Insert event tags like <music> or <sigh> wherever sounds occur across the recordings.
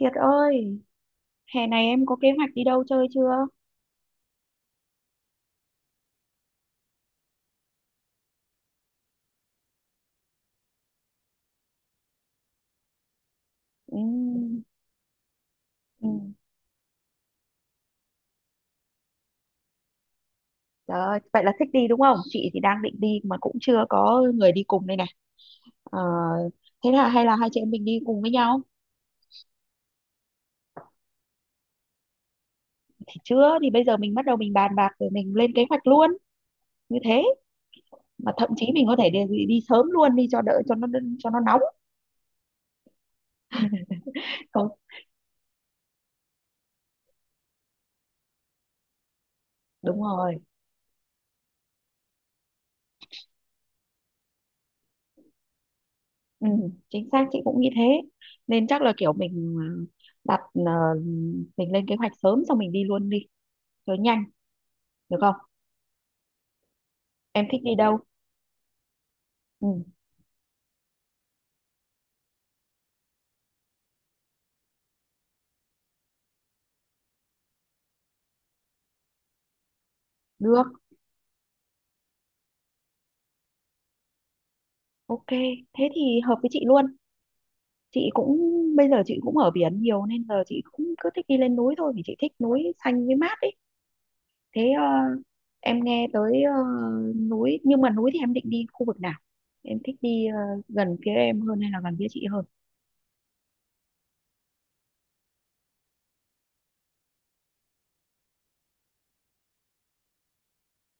Kiệt ơi, hè này em có kế hoạch đi đâu chơi chưa? Ừ, ừm, Trời ơi, vậy là thích đi đúng không? Chị thì đang định đi mà cũng chưa có người đi cùng đây này. Ờ, Thế là hay là hai chị em mình đi cùng với nhau? Thì chưa, thì bây giờ mình bắt đầu mình bàn bạc rồi mình lên kế hoạch luôn. Như thế, mà thậm chí mình có thể đi sớm luôn đi cho đỡ cho nó nóng. Không, đúng rồi. Ừ, chính xác chị cũng nghĩ thế. Nên chắc là kiểu mình đặt ờ, mình lên kế hoạch sớm xong mình đi luôn đi cho nhanh được không? Em thích đi đâu? Ừ, được. Ok, thế thì hợp với chị luôn. Chị cũng, bây giờ chị cũng ở biển nhiều nên giờ chị cũng cứ thích đi lên núi thôi vì chị thích núi xanh với mát ấy. Thế em nghe tới núi, nhưng mà núi thì em định đi khu vực nào? Em thích đi gần phía em hơn hay là gần phía chị hơn?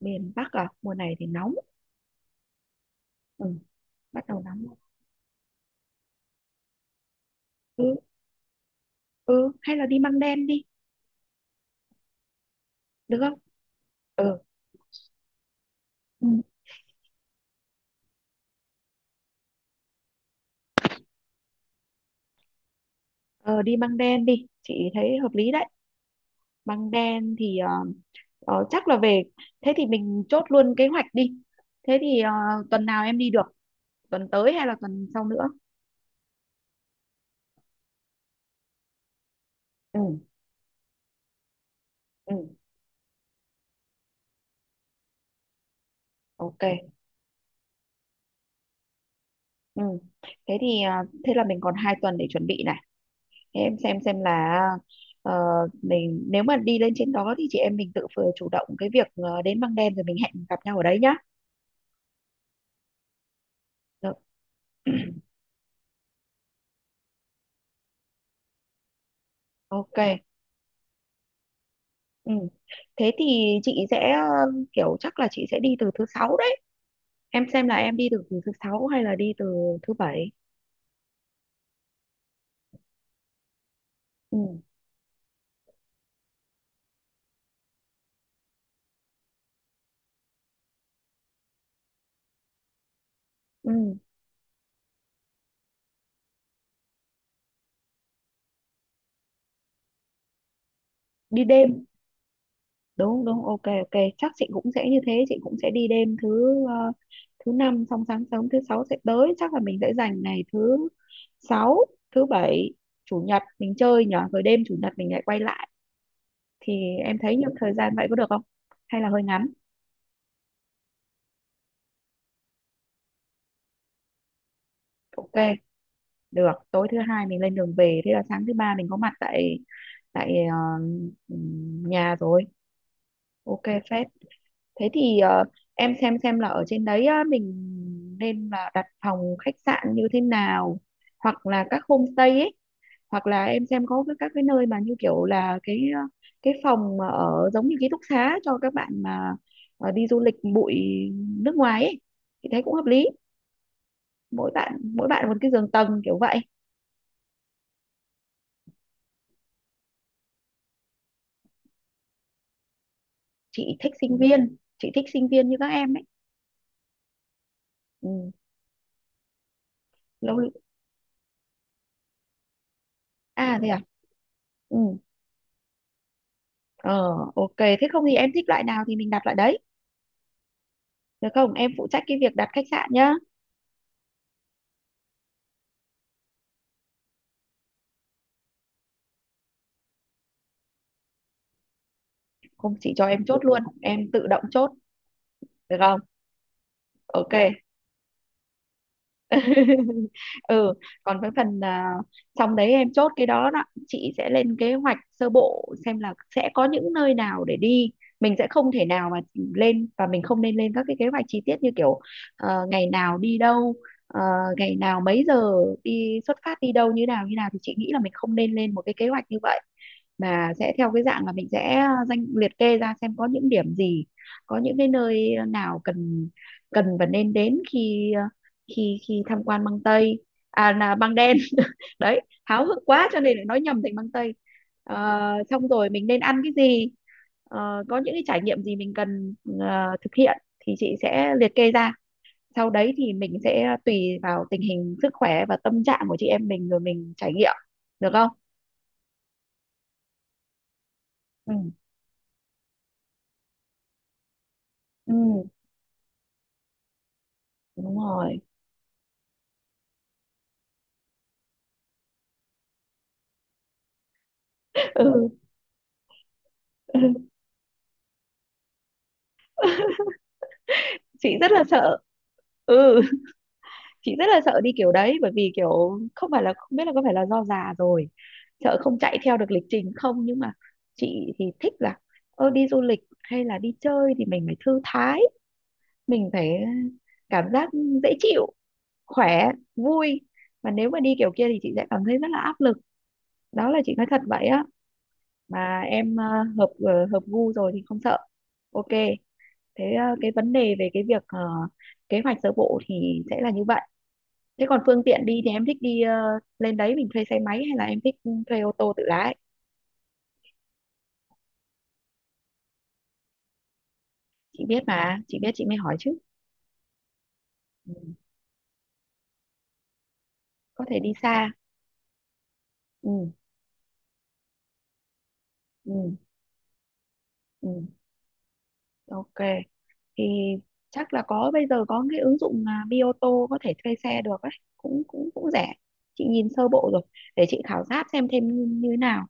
Miền Bắc à? Mùa này thì nóng. Ừ, bắt đầu nóng. Ừ, ừ, hay là đi Măng Đen đi, được không? Ừ, ừ. Ờ Đi Măng Đen đi, chị thấy hợp lý đấy. Băng đen thì chắc là về. Thế thì mình chốt luôn kế hoạch đi. Thế thì tuần nào em đi được? Tuần tới hay là tuần sau nữa? Ừ, ừ, ok. Ừ. Thế thì thế là mình còn hai tuần để chuẩn bị này. Thế em xem là ờ, mình nếu mà đi lên trên đó thì chị em mình tự vừa chủ động cái việc đến Băng đen rồi mình hẹn gặp nhau ở đấy nhá. Được. <clears throat> Ok. Ừ. Thế thì chị sẽ kiểu chắc là chị sẽ đi từ thứ sáu đấy. Em xem là em đi từ thứ sáu hay là đi từ thứ bảy? Ừ, ừ, đi đêm. Đúng, đúng, ok, ok, chắc chị cũng sẽ như thế. Chị cũng sẽ đi đêm thứ thứ năm xong sáng sớm thứ sáu sẽ tới. Chắc là mình sẽ dành ngày thứ sáu, thứ bảy, chủ nhật mình chơi nhở, rồi đêm chủ nhật mình lại quay lại. Thì em thấy nhiều thời gian vậy có được không hay là hơi ngắn? Ok, được. Tối thứ hai mình lên đường về, thế là sáng thứ ba mình có mặt tại tại ờ, nhà rồi. Ok, phết. Thế thì em xem là ở trên đấy á, mình nên là đặt phòng khách sạn như thế nào, hoặc là các homestay ấy, hoặc là em xem có các cái nơi mà như kiểu là cái cái phòng mà ở giống như ký túc xá cho các bạn mà đi du lịch bụi nước ngoài ấy, thì thấy cũng hợp lý. Mỗi bạn một cái giường tầng kiểu vậy. Chị thích sinh viên như các em ấy. Ừ. Lâu. À thế à? Ừ. ờ ok, thế không thì em thích loại nào thì mình đặt loại đấy. Được không? Em phụ trách cái việc đặt khách sạn nhá. Không, chị cho em chốt luôn, em tự động chốt, được không? Ok. <laughs> Ừ, còn với phần xong đấy em chốt cái đó đó, chị sẽ lên kế hoạch sơ bộ xem là sẽ có những nơi nào để đi. Mình sẽ không thể nào mà lên, và mình không nên lên các cái kế hoạch chi tiết như kiểu ngày nào đi đâu, ờ, ngày nào mấy giờ đi xuất phát đi đâu như nào như nào, thì chị nghĩ là mình không nên lên một cái kế hoạch như vậy. Mà sẽ theo cái dạng là mình sẽ danh liệt kê ra xem có những điểm gì, có những cái nơi nào cần cần và nên đến khi ờ, khi khi tham quan băng tây. À, là băng đen. <laughs> Đấy, háo hức quá cho nên lại nói nhầm thành băng tây. Ờ, Xong rồi mình nên ăn cái gì. Có những cái trải nghiệm gì mình cần thực hiện thì chị sẽ liệt kê ra, sau đấy thì mình sẽ tùy vào tình hình sức khỏe và tâm trạng của chị em mình rồi mình trải nghiệm. Được không? Ừ, ừ, đúng rồi. Ừ. <laughs> Chị rất là sợ. Ừ. <laughs> Chị rất là sợ đi kiểu đấy, bởi vì kiểu không phải, là không biết là có phải là do già rồi sợ không chạy theo được lịch trình không, nhưng mà chị thì thích là đi du lịch hay là đi chơi thì mình phải thư thái, mình phải cảm giác dễ chịu, khỏe, vui. Mà nếu mà đi kiểu kia thì chị sẽ cảm thấy rất là áp lực. Đó là chị nói thật vậy á. Mà em hợp gu rồi thì không sợ. Ok. Thế cái vấn đề về cái việc kế hoạch sơ bộ thì sẽ là như vậy. Thế còn phương tiện đi thì em thích đi lên đấy mình thuê xe máy hay là em thích thuê ô tô tự lái? Chị biết mà, chị biết, chị mới hỏi chứ. Ừ, có thể đi xa. Ừ, ừ, ừ, ok. Thì chắc là có, bây giờ có cái ứng dụng mà Bioto có thể thuê xe được ấy, cũng cũng cũng rẻ. Chị nhìn sơ bộ rồi, để chị khảo sát xem thêm như thế nào,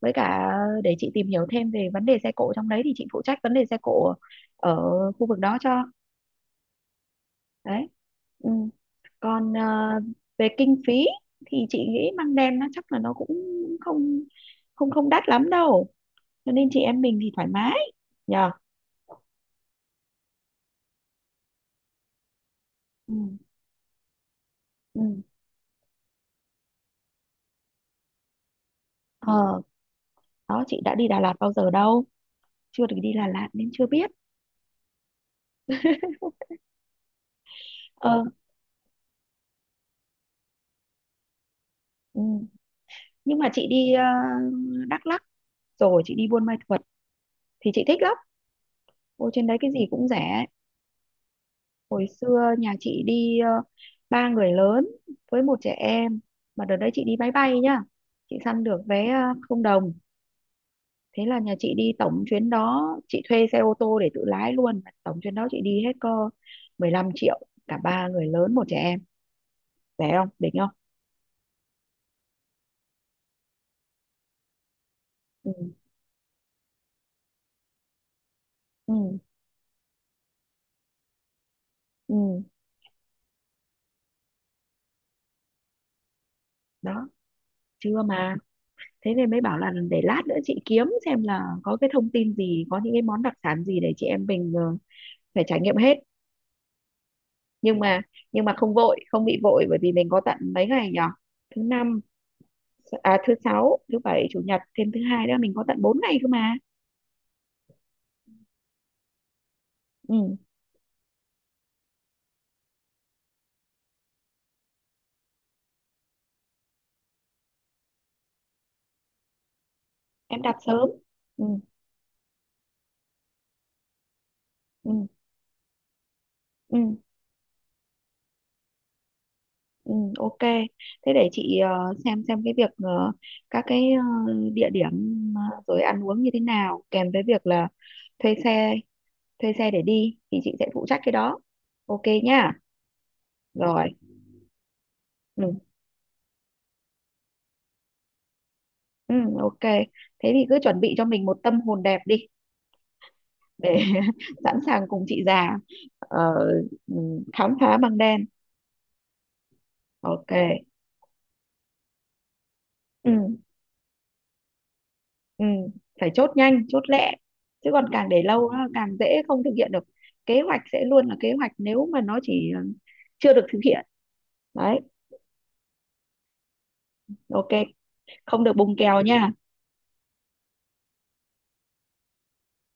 với cả để chị tìm hiểu thêm về vấn đề xe cộ trong đấy, thì chị phụ trách vấn đề xe cộ ở khu vực đó cho. Đấy. Ừ. Còn về kinh phí thì chị nghĩ măng đen nó chắc là nó cũng không không không đắt lắm đâu, cho nên chị em mình thì thoải mái nhờ. Ừ. Ừ. ờ Đó, chị đã đi Đà Lạt bao giờ đâu, chưa được đi Đà Lạt nên chưa biết. ờ ừ. Nhưng mà chị đi Đắk Lắk, rồi chị đi Buôn Ma Thuột thì chị thích lắm. Ôi, trên đấy cái gì cũng rẻ. Hồi xưa nhà chị đi ba người lớn với một trẻ em, mà đợt đấy chị đi máy bay nhá, chị săn được vé không đồng. Thế là nhà chị đi, tổng chuyến đó chị thuê xe ô tô để tự lái luôn, tổng chuyến đó chị đi hết cơ 15 triệu, cả ba người lớn một trẻ em. Rẻ không? Đỉnh không? Ừ, ừ, ừ. Đó. Chưa mà, thế nên mới bảo là để lát nữa chị kiếm xem là có cái thông tin gì, có những cái món đặc sản gì để chị em mình phải trải nghiệm hết. Nhưng mà, không vội, không bị vội, bởi vì mình có tận mấy ngày nhỉ? Thứ năm, à, thứ sáu, thứ bảy, chủ nhật, thêm thứ hai nữa, mình có tận 4 ngày cơ mà. Ừ, em đặt sớm. Ừ, ừ, ừ, ừ, ok. Thế để chị xem cái việc các cái địa điểm, rồi ăn uống như thế nào, kèm với việc là thuê xe thuê xe để đi thì chị sẽ phụ trách cái đó. Ok nhá. Rồi. Ừ, ừ, ok. Thế thì cứ chuẩn bị cho mình một tâm hồn đẹp đi để <laughs> sẵn sàng cùng chị già ờ, ừ, khám phá băng đen. Ok. Ừ, ừ, phải chốt nhanh chốt lẹ, chứ còn càng để lâu á, càng dễ không thực hiện được. Kế hoạch sẽ luôn là kế hoạch nếu mà nó chỉ chưa được thực hiện. Đấy. Ok. Không được bùng kèo nha.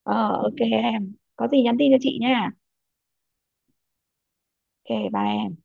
Ờ ok, em có gì nhắn tin cho chị nha. Ok, bye em.